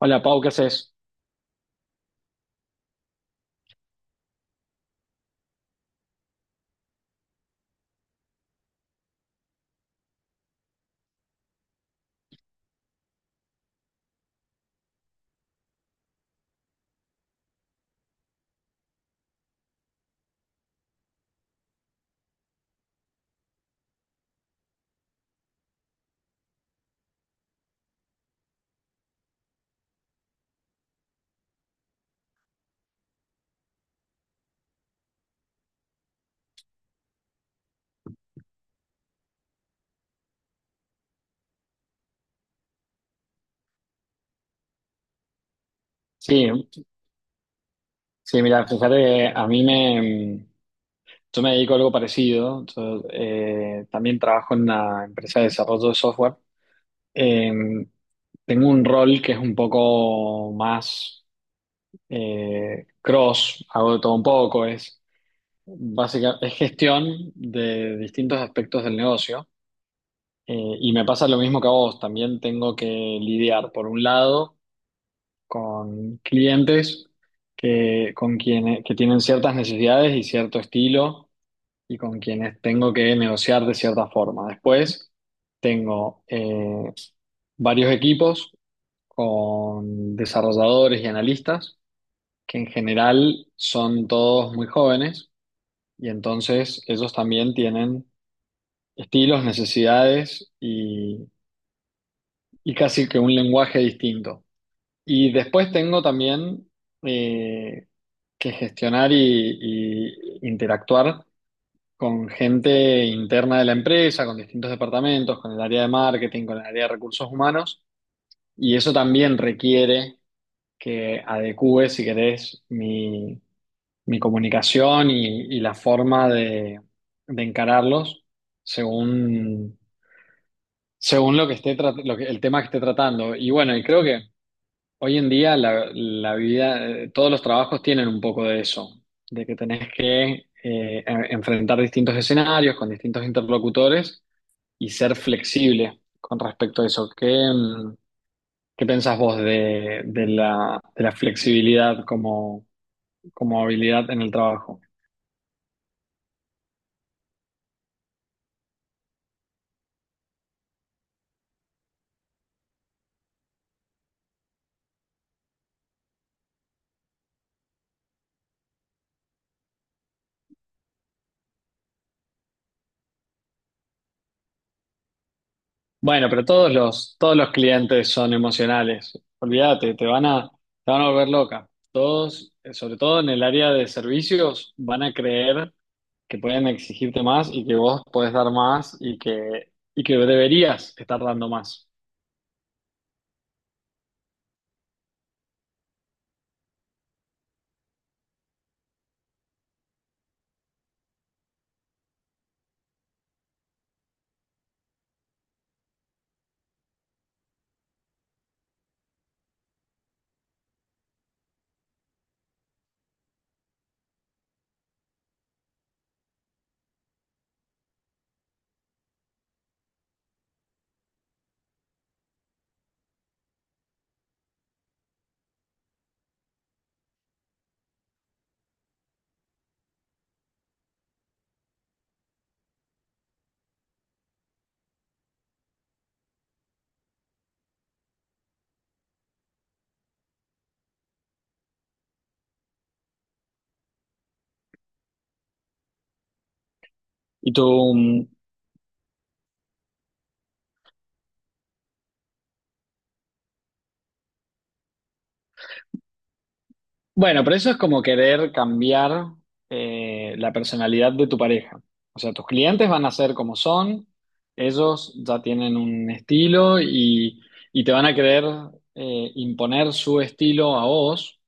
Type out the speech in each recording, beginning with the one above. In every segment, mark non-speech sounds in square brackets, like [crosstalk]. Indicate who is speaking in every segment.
Speaker 1: Hola Pau, ¿qué haces? Sí, sí, mira, fíjate que yo me dedico a algo parecido. Yo, también trabajo en una empresa de desarrollo de software. Eh, Tengo un rol que es un poco más cross, hago de todo un poco, es básicamente es gestión de distintos aspectos del negocio. Y me pasa lo mismo que a vos, también tengo que lidiar, por un lado, con clientes que tienen ciertas necesidades y cierto estilo y con quienes tengo que negociar de cierta forma. Después tengo varios equipos con desarrolladores y analistas que en general son todos muy jóvenes, y entonces ellos también tienen estilos, necesidades y casi que un lenguaje distinto. Y después tengo también eh, que gestionar y interactuar con gente interna de la empresa, con distintos departamentos, con el área de marketing, con el área de recursos humanos. Y eso también requiere que adecúe, si querés, mi comunicación y la forma de encararlos según, según lo que esté, el tema que esté tratando. Y bueno, y creo que hoy en día la vida, todos los trabajos tienen un poco de eso, de que tenés que enfrentar distintos escenarios con distintos interlocutores y ser flexible con respecto a eso. ¿ qué pensás vos de la flexibilidad como, como habilidad en el trabajo? Bueno, pero todos los clientes son emocionales. Olvídate, te van a volver loca. Todos, sobre todo en el área de servicios, van a creer que pueden exigirte más y que vos podés dar más y que deberías estar dando más. Y tú, mm, bueno, pero eso es como querer cambiar la personalidad de tu pareja. O sea, tus clientes van a ser como son, ellos ya tienen un estilo y te van a querer imponer su estilo a vos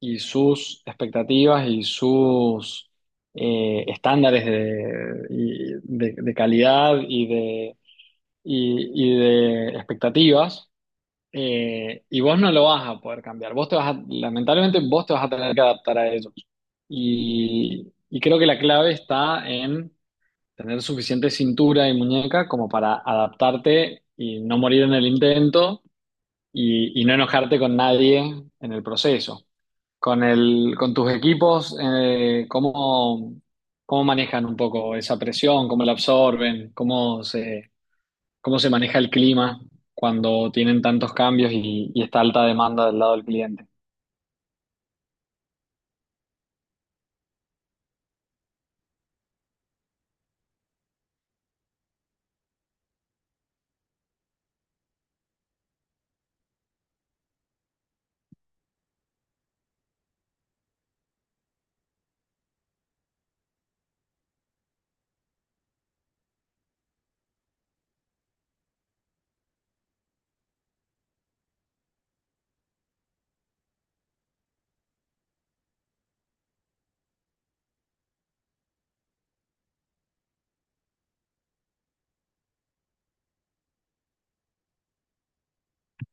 Speaker 1: y sus expectativas y sus estándares de calidad y de expectativas, y vos no lo vas a poder cambiar. Vos te vas a- Lamentablemente vos te vas a tener que adaptar a ellos. Y creo que la clave está en tener suficiente cintura y muñeca como para adaptarte y no morir en el intento y no enojarte con nadie en el proceso. Con tus equipos, ¿ cómo manejan un poco esa presión? ¿Cómo la absorben? ¿ cómo se maneja el clima cuando tienen tantos cambios y está alta demanda del lado del cliente?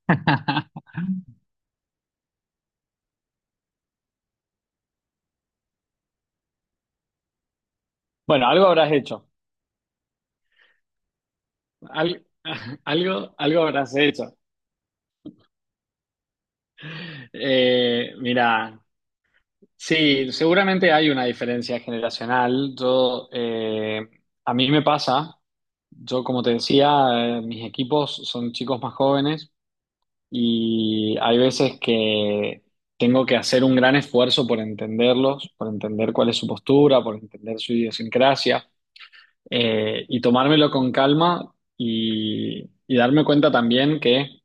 Speaker 1: [laughs] Bueno, algo habrás hecho. Al- [laughs] algo habrás hecho. Mira, sí, seguramente hay una diferencia generacional. A mí me pasa, yo como te decía, mis equipos son chicos más jóvenes. Y hay veces que tengo que hacer un gran esfuerzo por entenderlos, por entender cuál es su postura, por entender su idiosincrasia, y tomármelo con calma y darme cuenta también que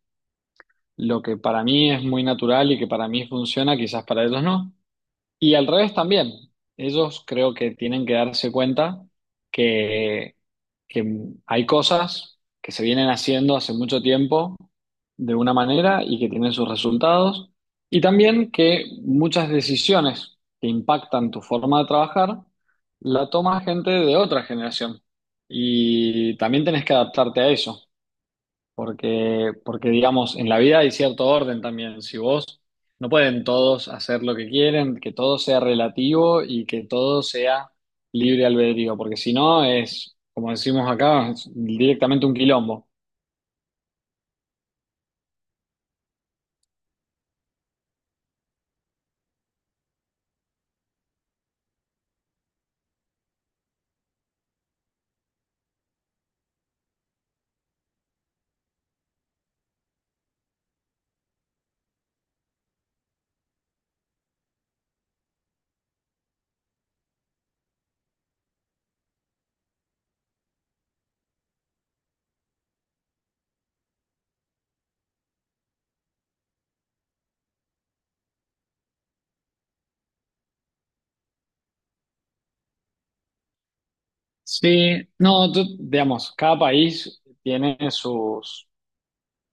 Speaker 1: lo que para mí es muy natural y que para mí funciona, quizás para ellos no. Y al revés también, ellos creo que tienen que darse cuenta que, que hay cosas que se vienen haciendo hace mucho tiempo de una manera y que tienen sus resultados, y también que muchas decisiones que impactan tu forma de trabajar la toma gente de otra generación, y también tenés que adaptarte a eso. Porque, digamos, en la vida hay cierto orden también. Si vos no pueden todos hacer lo que quieren, que todo sea relativo y que todo sea libre albedrío, porque si no es, como decimos acá, es directamente un quilombo. Sí, no, digamos, cada país tiene sus.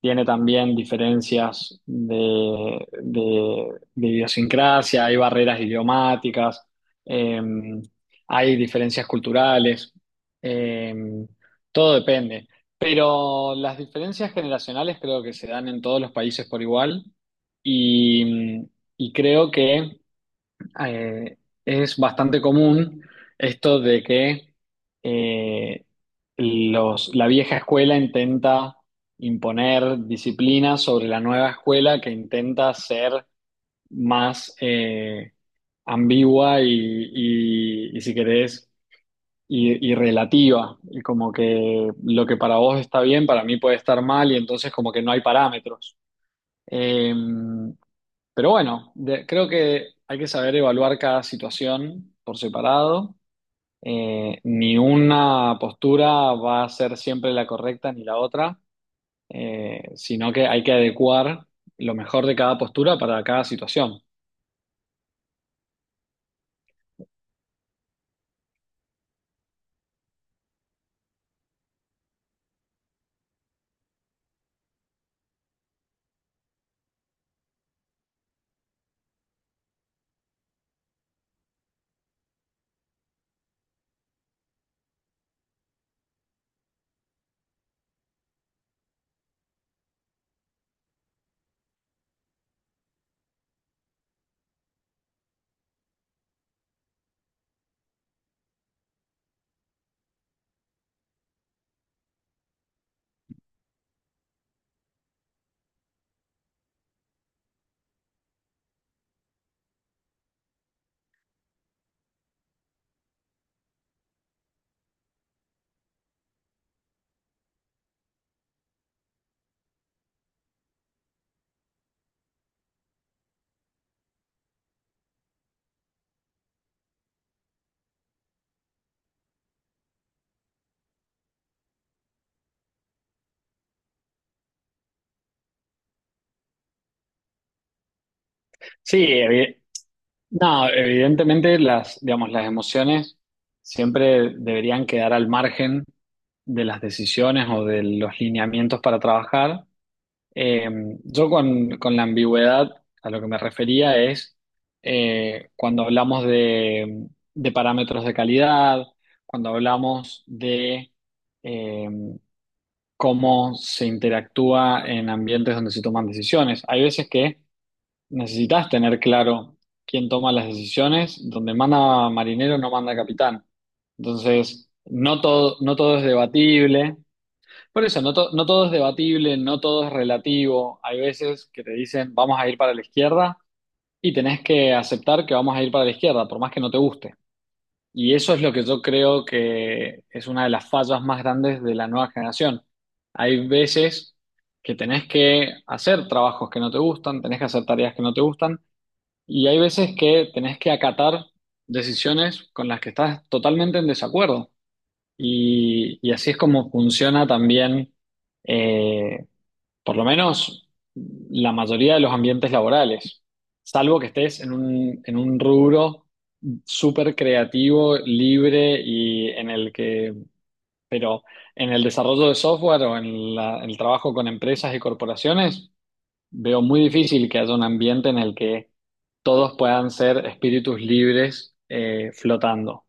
Speaker 1: Tiene también diferencias de idiosincrasia, hay barreras idiomáticas, eh, hay diferencias culturales, eh, todo depende. Pero las diferencias generacionales creo que se dan en todos los países por igual, y, y creo que eh, es bastante común esto de que eh, la vieja escuela intenta imponer disciplina sobre la nueva escuela que intenta ser más ambigua y si querés, y relativa. Y como que lo que para vos está bien, para mí puede estar mal y entonces como que no hay parámetros. Eh, pero bueno, creo que hay que saber evaluar cada situación por separado. Ni una postura va a ser siempre la correcta ni la otra, sino que hay que adecuar lo mejor de cada postura para cada situación. Sí, evi- No, evidentemente las, digamos, las emociones siempre deberían quedar al margen de las decisiones o de los lineamientos para trabajar. Eh, yo con la ambigüedad a lo que me refería es cuando hablamos de parámetros de calidad, cuando hablamos de eh, cómo se interactúa en ambientes donde se toman decisiones. Hay veces que necesitas tener claro quién toma las decisiones, donde manda marinero no manda capitán. Entonces, no todo es debatible. Por eso, no, no todo es debatible, no todo es relativo. Hay veces que te dicen, vamos a ir para la izquierda y tenés que aceptar que vamos a ir para la izquierda, por más que no te guste. Y eso es lo que yo creo que es una de las fallas más grandes de la nueva generación. Hay veces que tenés que hacer trabajos que no te gustan, tenés que hacer tareas que no te gustan, y hay veces que tenés que acatar decisiones con las que estás totalmente en desacuerdo. Y así es como funciona también, eh, por lo menos, la mayoría de los ambientes laborales. Salvo que estés en un rubro súper creativo, libre y en el que, pero en el desarrollo de software o en el trabajo con empresas y corporaciones. Veo muy difícil que haya un ambiente en el que todos puedan ser espíritus libres flotando.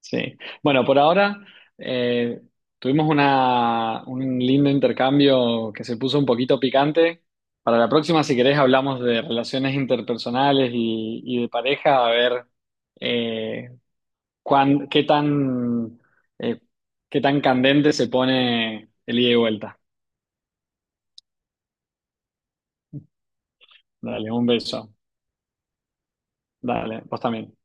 Speaker 1: Sí. Bueno, por ahora eh, tuvimos un lindo intercambio que se puso un poquito picante. Para la próxima, si querés, hablamos de relaciones interpersonales y de pareja, a ver eh, cuán- qué tan, eh, qué tan candente se pone el ida y vuelta. Dale, un beso. Dale, vos también.